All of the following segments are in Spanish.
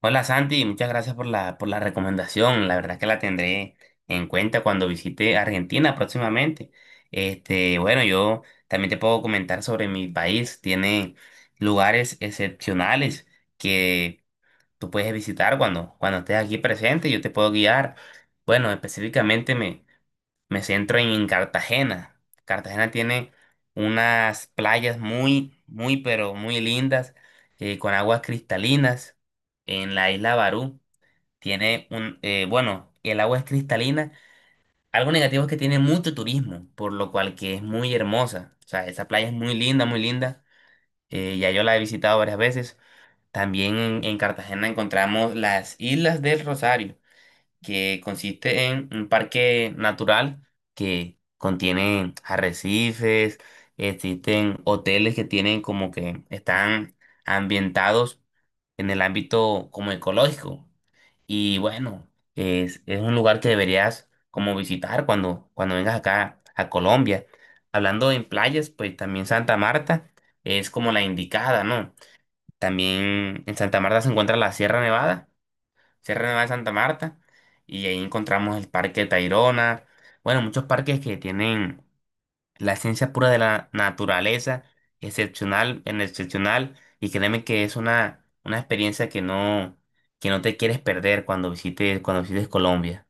Hola Santi, muchas gracias por la recomendación. La verdad que la tendré en cuenta cuando visite Argentina próximamente. Yo también te puedo comentar sobre mi país. Tiene lugares excepcionales que tú puedes visitar cuando estés aquí presente. Yo te puedo guiar. Bueno, específicamente me centro en Cartagena. Cartagena tiene unas playas muy, muy, pero muy lindas, con aguas cristalinas. En la isla Barú tiene un, el agua es cristalina. Algo negativo es que tiene mucho turismo, por lo cual que es muy hermosa. O sea, esa playa es muy linda, muy linda. Ya yo la he visitado varias veces. También en Cartagena encontramos las Islas del Rosario que consiste en un parque natural que contiene arrecifes, existen hoteles que tienen como que están ambientados en el ámbito como ecológico. Y bueno, es un lugar que deberías como visitar cuando vengas acá a Colombia. Hablando en playas, pues también Santa Marta es como la indicada, ¿no? También en Santa Marta se encuentra la Sierra Nevada de Santa Marta, y ahí encontramos el Parque Tayrona, bueno, muchos parques que tienen la esencia pura de la naturaleza, excepcional, y créeme que es una experiencia que no te quieres perder cuando visites Colombia.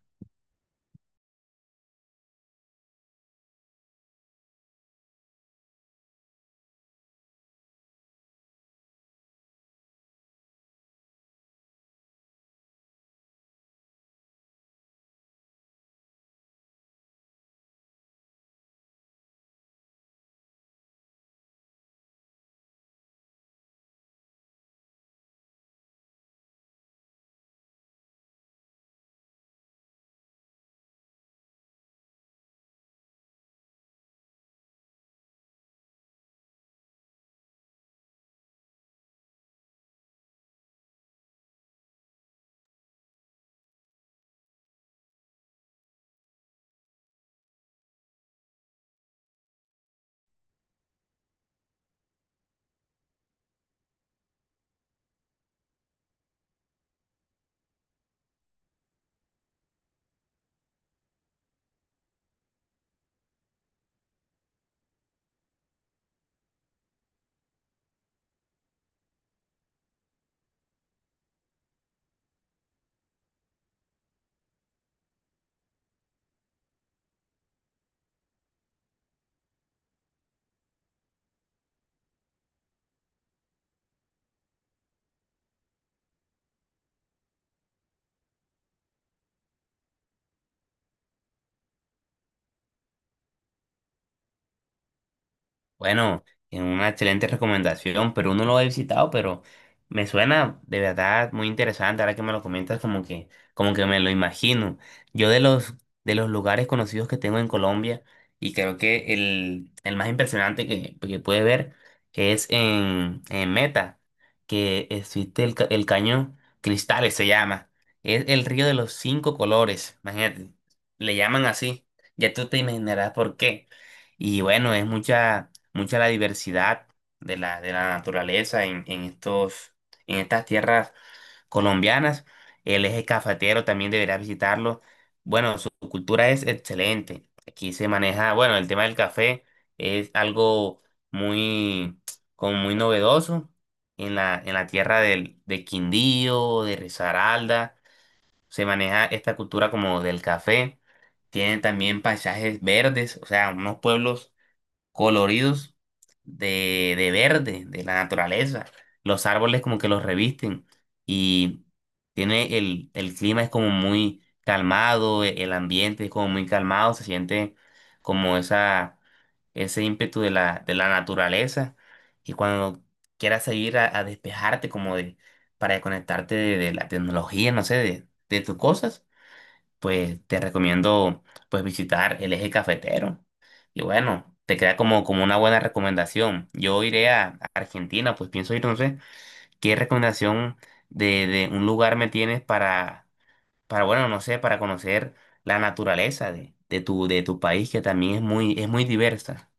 Bueno, es una excelente recomendación, pero uno lo he visitado, pero me suena de verdad muy interesante. Ahora que me lo comentas, como que me lo imagino. Yo de los lugares conocidos que tengo en Colombia, y creo que el más impresionante que puede ver es en Meta, que existe el cañón Cristales, se llama. Es el río de los cinco colores, imagínate, le llaman así. Ya tú te imaginarás por qué. Y bueno, es mucha la diversidad de la naturaleza en en estas tierras colombianas. El eje cafetero también deberá visitarlo. Bueno, su cultura es excelente. Aquí se maneja, bueno, el tema del café es algo muy, como muy novedoso en la tierra de Quindío, de Risaralda. Se maneja esta cultura como del café. Tienen también paisajes verdes, o sea, unos pueblos coloridos de verde, de la naturaleza. Los árboles como que los revisten y tiene el clima es como muy calmado, el ambiente es como muy calmado, se siente como esa, ese ímpetu de la naturaleza. Y cuando quieras salir a despejarte para desconectarte de la tecnología, no sé, de tus cosas pues te recomiendo pues visitar el eje cafetero. Y bueno, te queda como, como una buena recomendación. Yo iré a Argentina, pues pienso ir, no sé, ¿qué recomendación de un lugar me tienes para, bueno, no sé, para conocer la naturaleza de tu país, que también es muy diversa?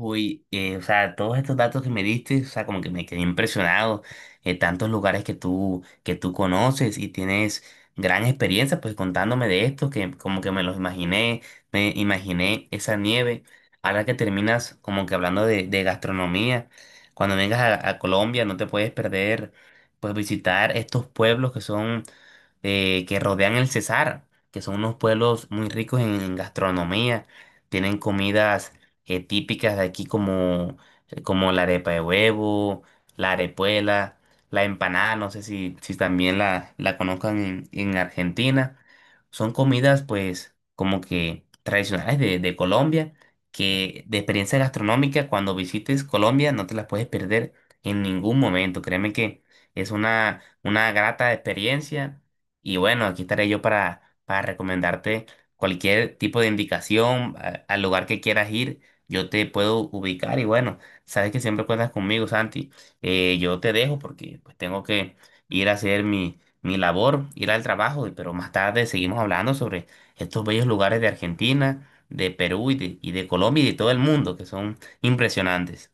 Uy, o sea, todos estos datos que me diste, o sea, como que me quedé impresionado. Tantos lugares que tú conoces y tienes gran experiencia, pues contándome de esto, que como que me los imaginé, me imaginé esa nieve. Ahora que terminas como que hablando de gastronomía, cuando vengas a Colombia no te puedes perder, pues visitar estos pueblos que son que rodean el Cesar, que son unos pueblos muy ricos en gastronomía. Tienen comidas típicas de aquí como, como la arepa de huevo, la arepuela, la empanada, no sé si también la conozcan en Argentina. Son comidas pues como que tradicionales de Colombia, que de experiencia gastronómica cuando visites Colombia no te las puedes perder en ningún momento. Créeme que es una grata experiencia y bueno, aquí estaré yo para recomendarte cualquier tipo de indicación al lugar que quieras ir. Yo te puedo ubicar y bueno, sabes que siempre cuentas conmigo, Santi. Yo te dejo porque pues tengo que ir a hacer mi labor, ir al trabajo, pero más tarde seguimos hablando sobre estos bellos lugares de Argentina, de Perú y de Colombia y de todo el mundo que son impresionantes.